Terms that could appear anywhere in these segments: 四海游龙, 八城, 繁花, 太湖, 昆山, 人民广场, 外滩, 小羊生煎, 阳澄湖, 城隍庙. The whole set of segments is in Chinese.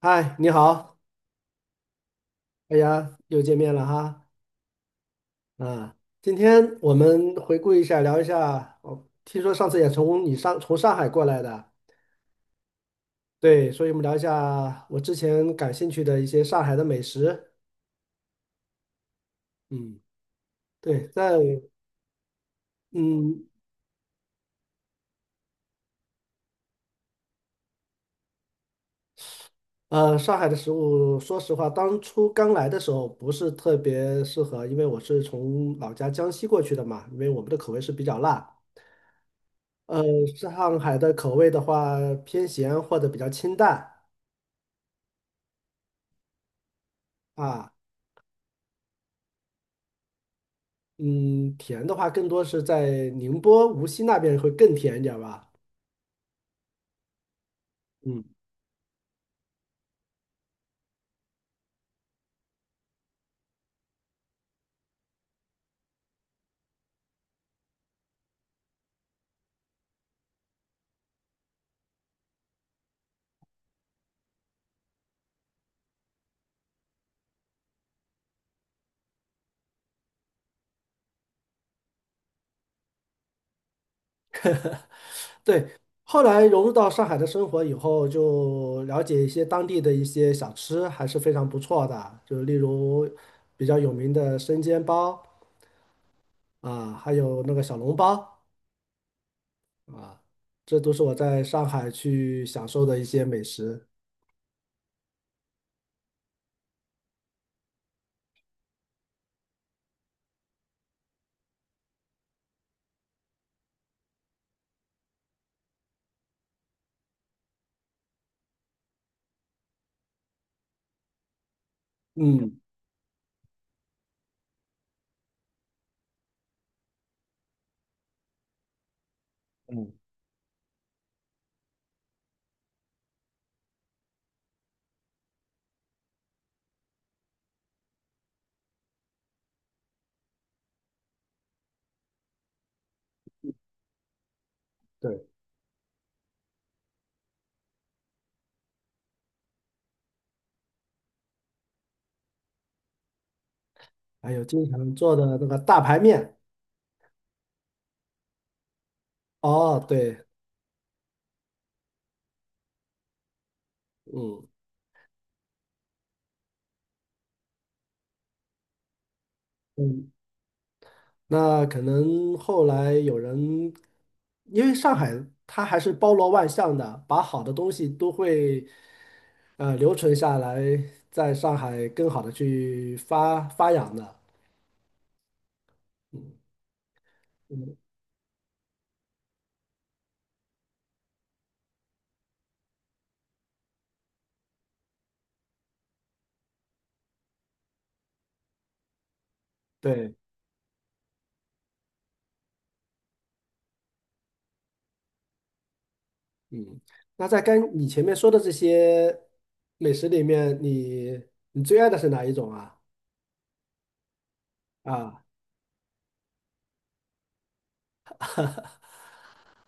嗨，你好，大家又见面了哈。啊，今天我们回顾一下，聊一下。我听说上次也从上海过来的，对，所以我们聊一下我之前感兴趣的一些上海的美食。嗯，对，嗯上海的食物，说实话，当初刚来的时候不是特别适合，因为我是从老家江西过去的嘛，因为我们的口味是比较辣。呃，上海的口味的话偏咸或者比较清淡啊。嗯，甜的话更多是在宁波、无锡那边会更甜一点吧。嗯，对，后来融入到上海的生活以后，就了解一些当地的一些小吃，还是非常不错的。就例如比较有名的生煎包啊，还有那个小笼包啊，这都是我在上海去享受的一些美食。嗯，嗯，对，还有经常做的那个大排面。哦，对，嗯。那可能后来有人，因为上海它还是包罗万象的，把好的东西都会留存下来，在上海更好的去发扬的。嗯嗯，对，嗯。那在跟你前面说的这些美食里面，你最爱的是哪一种啊？啊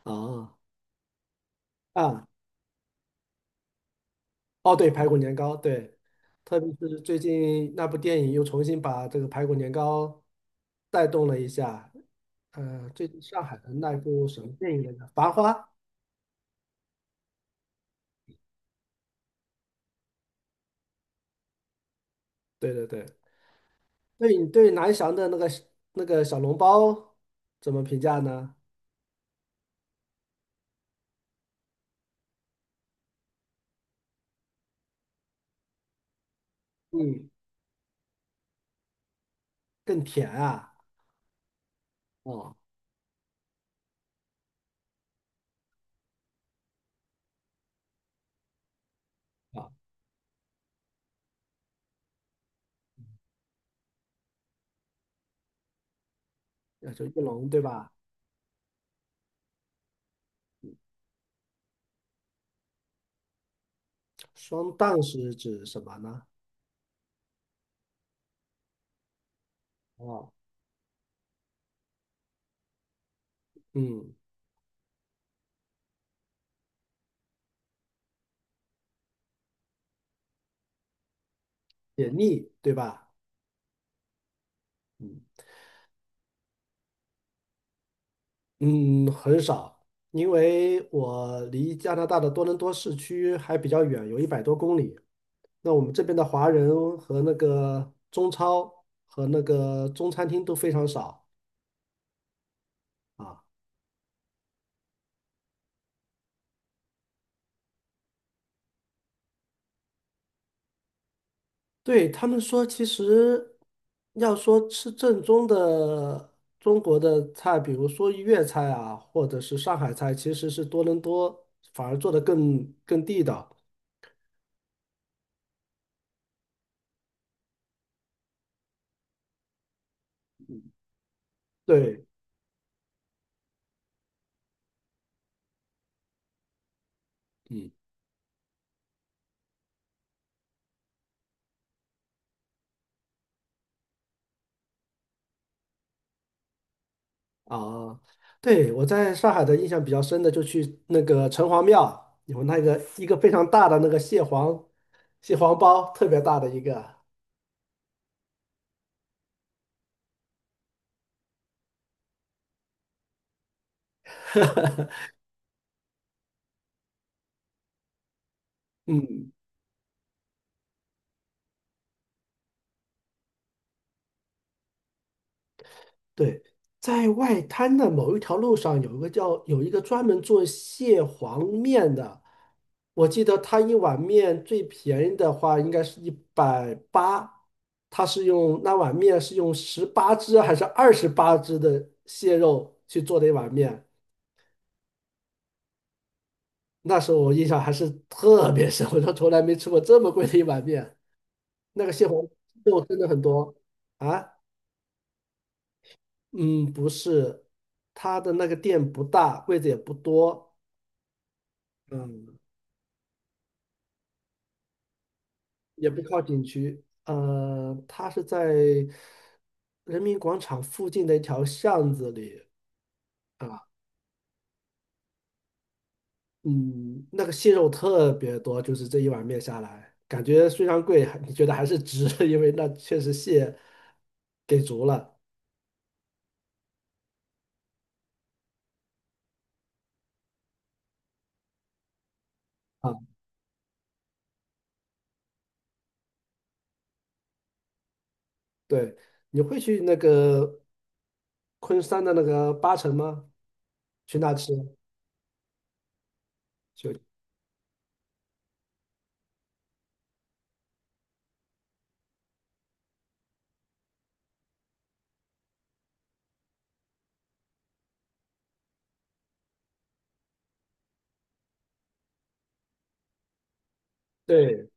啊啊！哦，对，排骨年糕，对，特别是最近那部电影又重新把这个排骨年糕带动了一下。最近上海的那一部什么电影来着？《繁花》。对对对，对，你对南翔的那个小笼包怎么评价呢？嗯，更甜啊。哦，啊，那就一笼对吧？双蛋是指什么呢？哦，嗯，解腻对吧？嗯。嗯，很少，因为我离加拿大的多伦多市区还比较远，有100多公里。那我们这边的华人和那个中超和那个中餐厅都非常少啊。对，他们说，其实要说吃正宗的中国的菜，比如说粤菜啊，或者是上海菜，其实是多伦多反而做的更地道。对。嗯。啊，对，我在上海的印象比较深的，就去那个城隍庙，有那个一个非常大的那个蟹黄包，特别大的一个。嗯，对，在外滩的某一条路上有一个专门做蟹黄面的，我记得他一碗面最便宜的话应该是180，他是用那碗面是用十八只还是28只的蟹肉去做的一碗面。那时候我印象还是特别深，我说从来没吃过这么贵的一碗面。那个蟹黄肉真的很多啊，嗯，不是，它的那个店不大，柜子也不多，嗯，也不靠景区，它是在人民广场附近的一条巷子里啊，嗯，那个蟹肉特别多，就是这一碗面下来，感觉虽然贵，你觉得还是值，因为那确实蟹给足了。啊。对，你会去那个昆山的那个八城吗？去那吃？就对，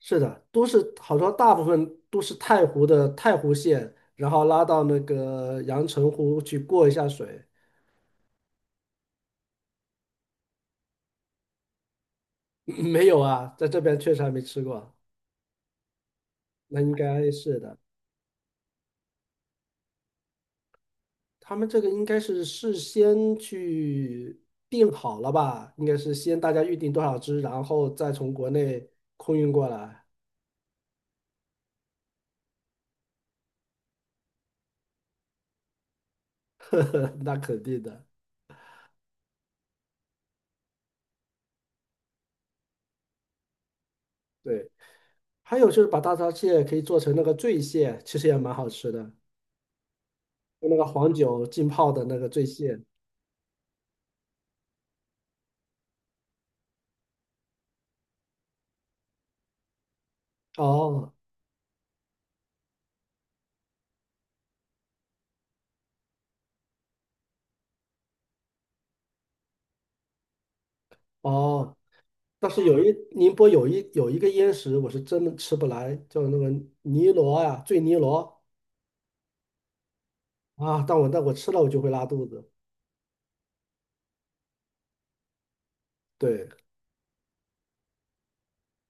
是的，都是好像大部分都是太湖的太湖县，然后拉到那个阳澄湖去过一下水。没有啊，在这边确实还没吃过。那应该是的，他们这个应该是事先去定好了吧？应该是先大家预定多少只，然后再从国内空运过来。呵呵，那肯定的，对。还有就是把大闸蟹可以做成那个醉蟹，其实也蛮好吃的，用那个黄酒浸泡的那个醉蟹。哦哦，但是宁波有一个腌食，我是真的吃不来，叫那个泥螺呀、醉泥螺啊，但我吃了我就会拉肚子。对，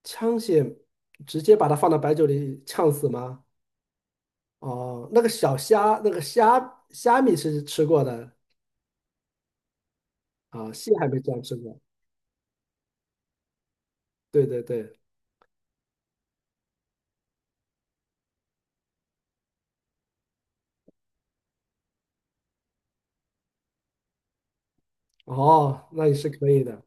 枪蟹直接把它放到白酒里呛死吗？哦，那个小虾，那个虾米是吃过的啊，蟹还没这样吃过。对对对，哦，那也是可以的，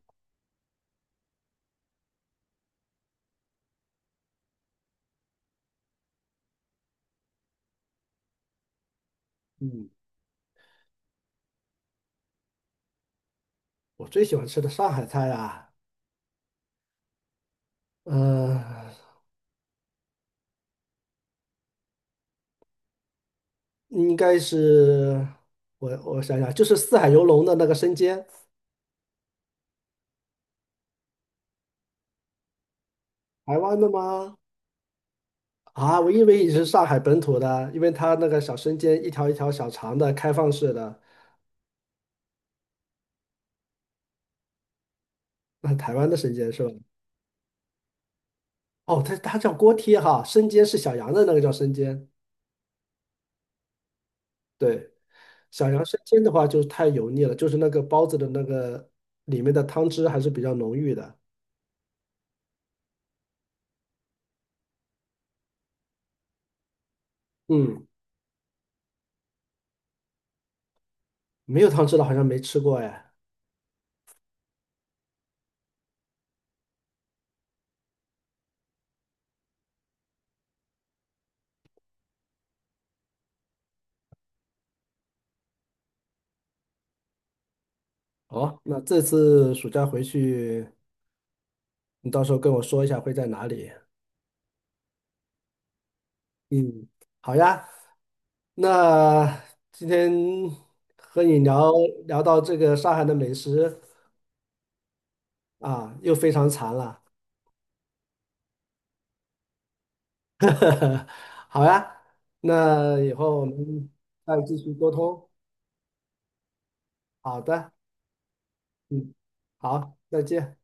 嗯。我最喜欢吃的上海菜啊，呃，应该是我想想，就是四海游龙的那个生煎，台湾的吗？啊，我以为你是上海本土的，因为它那个小生煎一条一条小长的开放式的，那台湾的生煎是吧？哦，它叫锅贴哈，生煎是小羊的那个叫生煎，对，小羊生煎的话就是太油腻了，就是那个包子的那个里面的汤汁还是比较浓郁的，嗯，没有汤汁的好像没吃过哎。好，那这次暑假回去，你到时候跟我说一下会在哪里。嗯，好呀。那今天和你聊到这个上海的美食啊，又非常馋了。好呀，那以后我们再继续沟通。好的，嗯，好，再见。